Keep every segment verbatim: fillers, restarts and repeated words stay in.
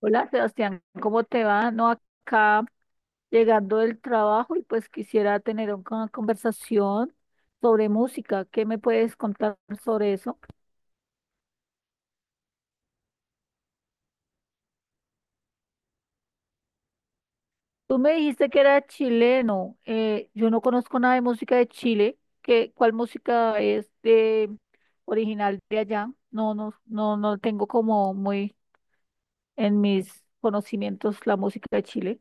Hola Sebastián, ¿cómo te va? No, acá llegando del trabajo y pues quisiera tener un- una conversación sobre música. ¿Qué me puedes contar sobre eso? Tú me dijiste que era chileno. Eh, yo no conozco nada de música de Chile. ¿Qué, ¿cuál música es de original de allá? No, no, no, no tengo como muy en mis conocimientos la música de Chile.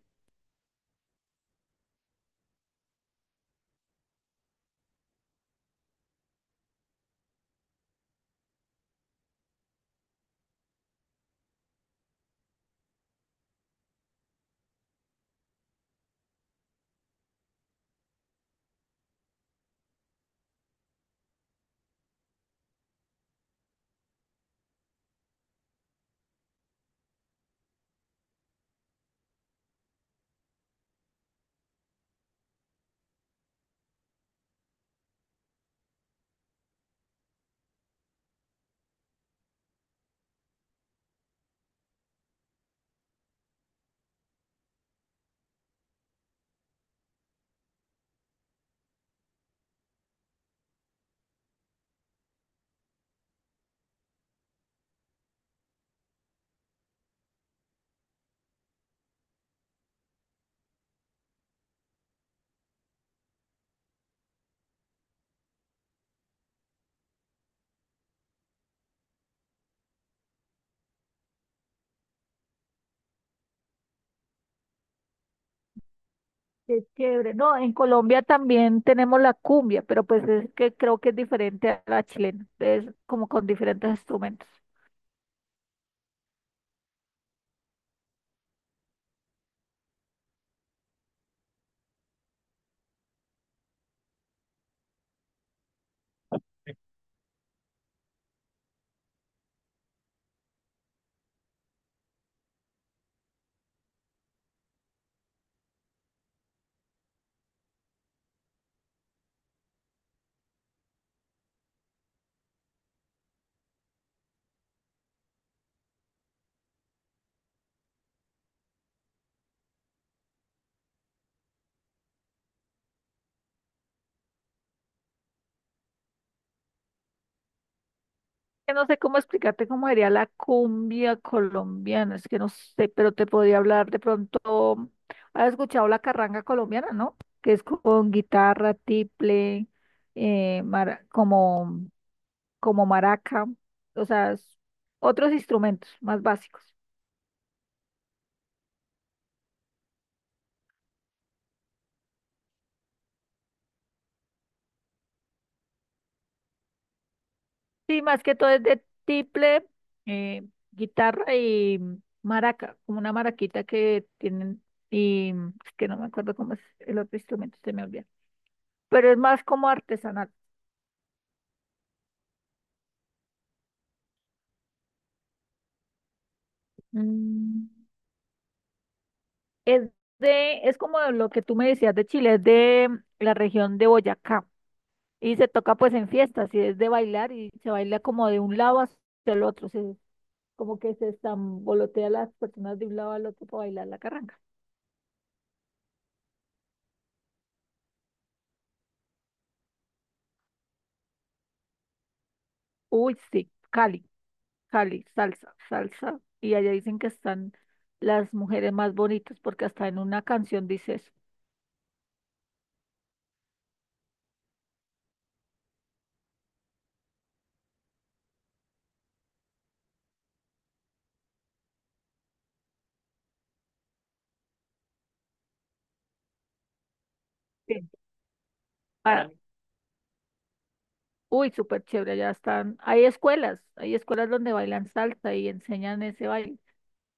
Qué chévere. No, en Colombia también tenemos la cumbia, pero pues es que creo que es diferente a la chilena. Es como con diferentes instrumentos. Que no sé cómo explicarte cómo sería la cumbia colombiana. Es que no sé, pero te podría hablar de pronto. ¿Has escuchado la carranga colombiana, no? Que es con guitarra, tiple, eh, mara- como, como maraca. O sea, es- otros instrumentos más básicos. Sí, más que todo es de tiple, eh, guitarra y maraca, como una maraquita que tienen, y es que no me acuerdo cómo es el otro instrumento, se me olvida. Pero es más como artesanal. Mm, es de, es como lo que tú me decías de Chile, es de la región de Boyacá. Y se toca pues en fiestas, y es de bailar, y se baila como de un lado hacia el otro, se- como que se estambolotea las personas de un lado al otro para bailar la carranga. Uy, sí, Cali. Cali, salsa, salsa. Y allá dicen que están las mujeres más bonitas porque hasta en una canción dice eso. Sí, ah, claro. Uy, súper chévere, allá están. Hay escuelas, hay escuelas donde bailan salsa y enseñan ese baile.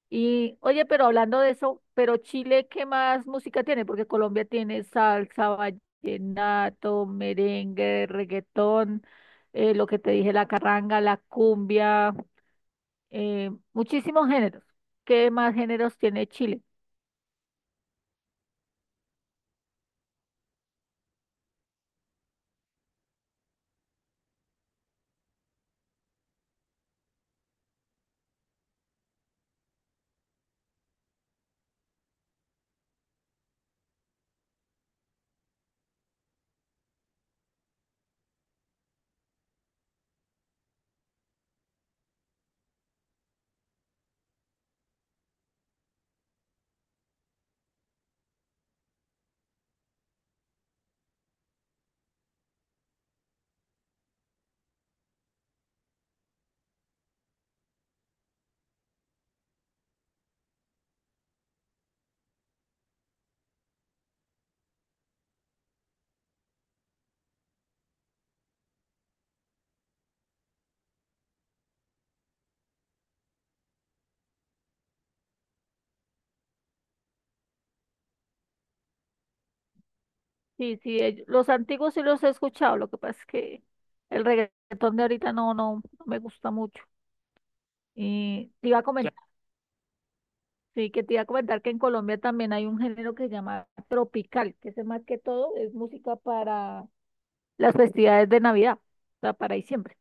Y oye, pero hablando de eso, pero Chile, ¿qué más música tiene? Porque Colombia tiene salsa, vallenato, merengue, reggaetón, eh, lo que te dije, la carranga, la cumbia, eh, muchísimos géneros. ¿Qué más géneros tiene Chile? Sí, sí, ell- los antiguos sí los he escuchado, lo que pasa es que el reggaetón de ahorita no, no, no me gusta mucho. Y te iba a Cla- comentar, claro. Sí, que te iba a comentar que en Colombia también hay un género que se llama tropical, que es más que todo es música para las festividades de Navidad, o sea, para diciembre.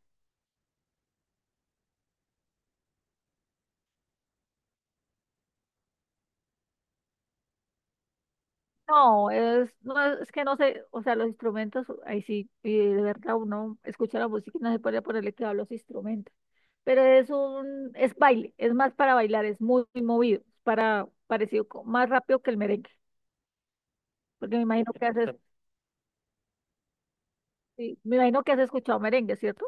No, es, no, es que no sé, o sea, los instrumentos, ahí sí, y de verdad uno escucha la música y no se puede ponerle cuidado a los instrumentos, pero es un, es baile, es más para bailar, es muy, muy movido, para, parecido, co- más rápido que el merengue, porque me imagino que haces, sí, me imagino que has escuchado merengue, ¿cierto?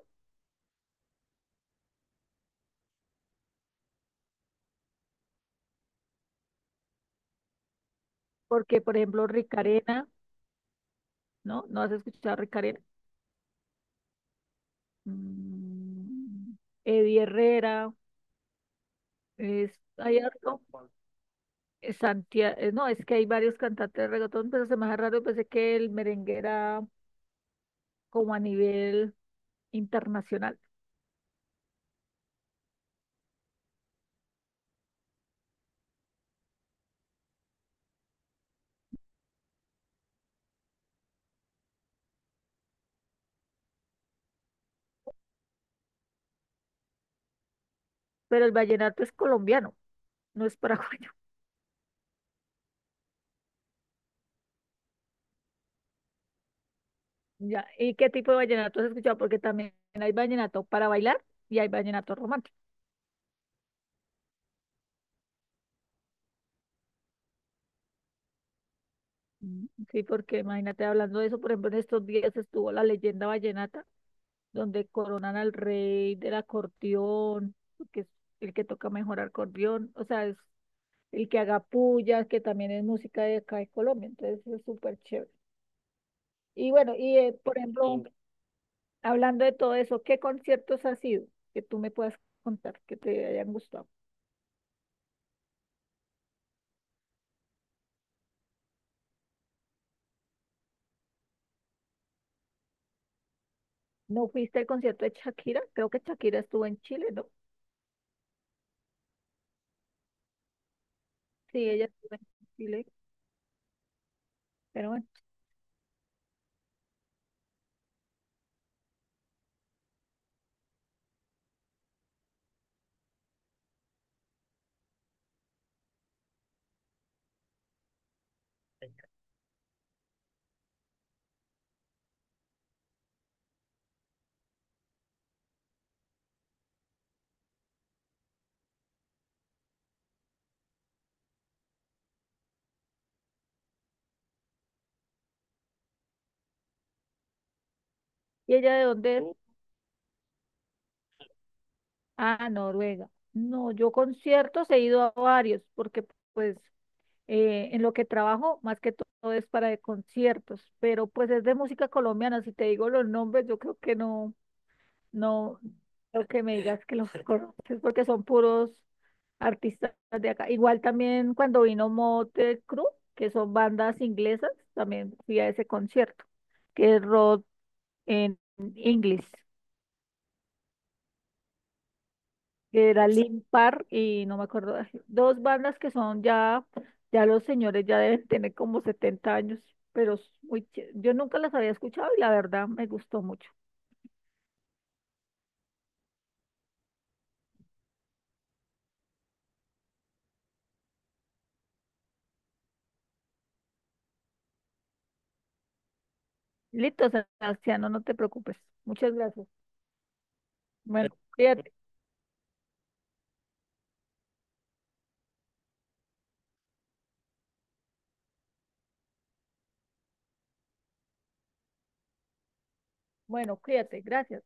Porque, por ejemplo, Ricarena, ¿no? ¿No has escuchado Ricarena? Mm, Eddie Herrera, es, hay harto. Santiago, no, es que hay varios cantantes de reggaetón, pero se me hace raro, pensé que el merengue era como a nivel internacional, pero el vallenato es colombiano, no es paraguayo. Ya. ¿Y qué tipo de vallenato has escuchado? Porque también hay vallenato para bailar y hay vallenato romántico. Mm, sí, porque imagínate hablando de eso, por ejemplo, en estos días estuvo la leyenda vallenata, donde coronan al rey del acordeón, que es el que toca mejor acordeón, o sea, es el que haga pullas, que también es música de acá de Colombia, entonces es súper chévere. Y bueno, y eh, por ejemplo, sí, hablando de todo eso, ¿qué conciertos has ido que tú me puedas contar que te hayan gustado? ¿No fuiste al concierto de Shakira? Creo que Shakira estuvo en Chile, ¿no? Sí, ella estuvo en Chile, pero bueno. ¿Y ella de dónde es? Uh, Ah, Noruega. No, yo conciertos he ido a varios, porque pues eh, en lo que trabajo, más que todo es para de conciertos, pero pues es de música colombiana, si te digo los nombres, yo creo que no. No, lo que me digas que los conoces porque son puros artistas de acá. Igual también cuando vino Motley Crue, que son bandas inglesas, también fui a ese concierto, que es rock en inglés, que era Linkin Park y no me acuerdo, ay, dos bandas que son ya, ya los señores ya deben tener como setenta años, pero es muy ché- yo nunca las había escuchado y la verdad me gustó mucho. Listo, Sebastiano, no te preocupes. Muchas gracias. Bueno, cuídate. Bueno, cuídate, gracias.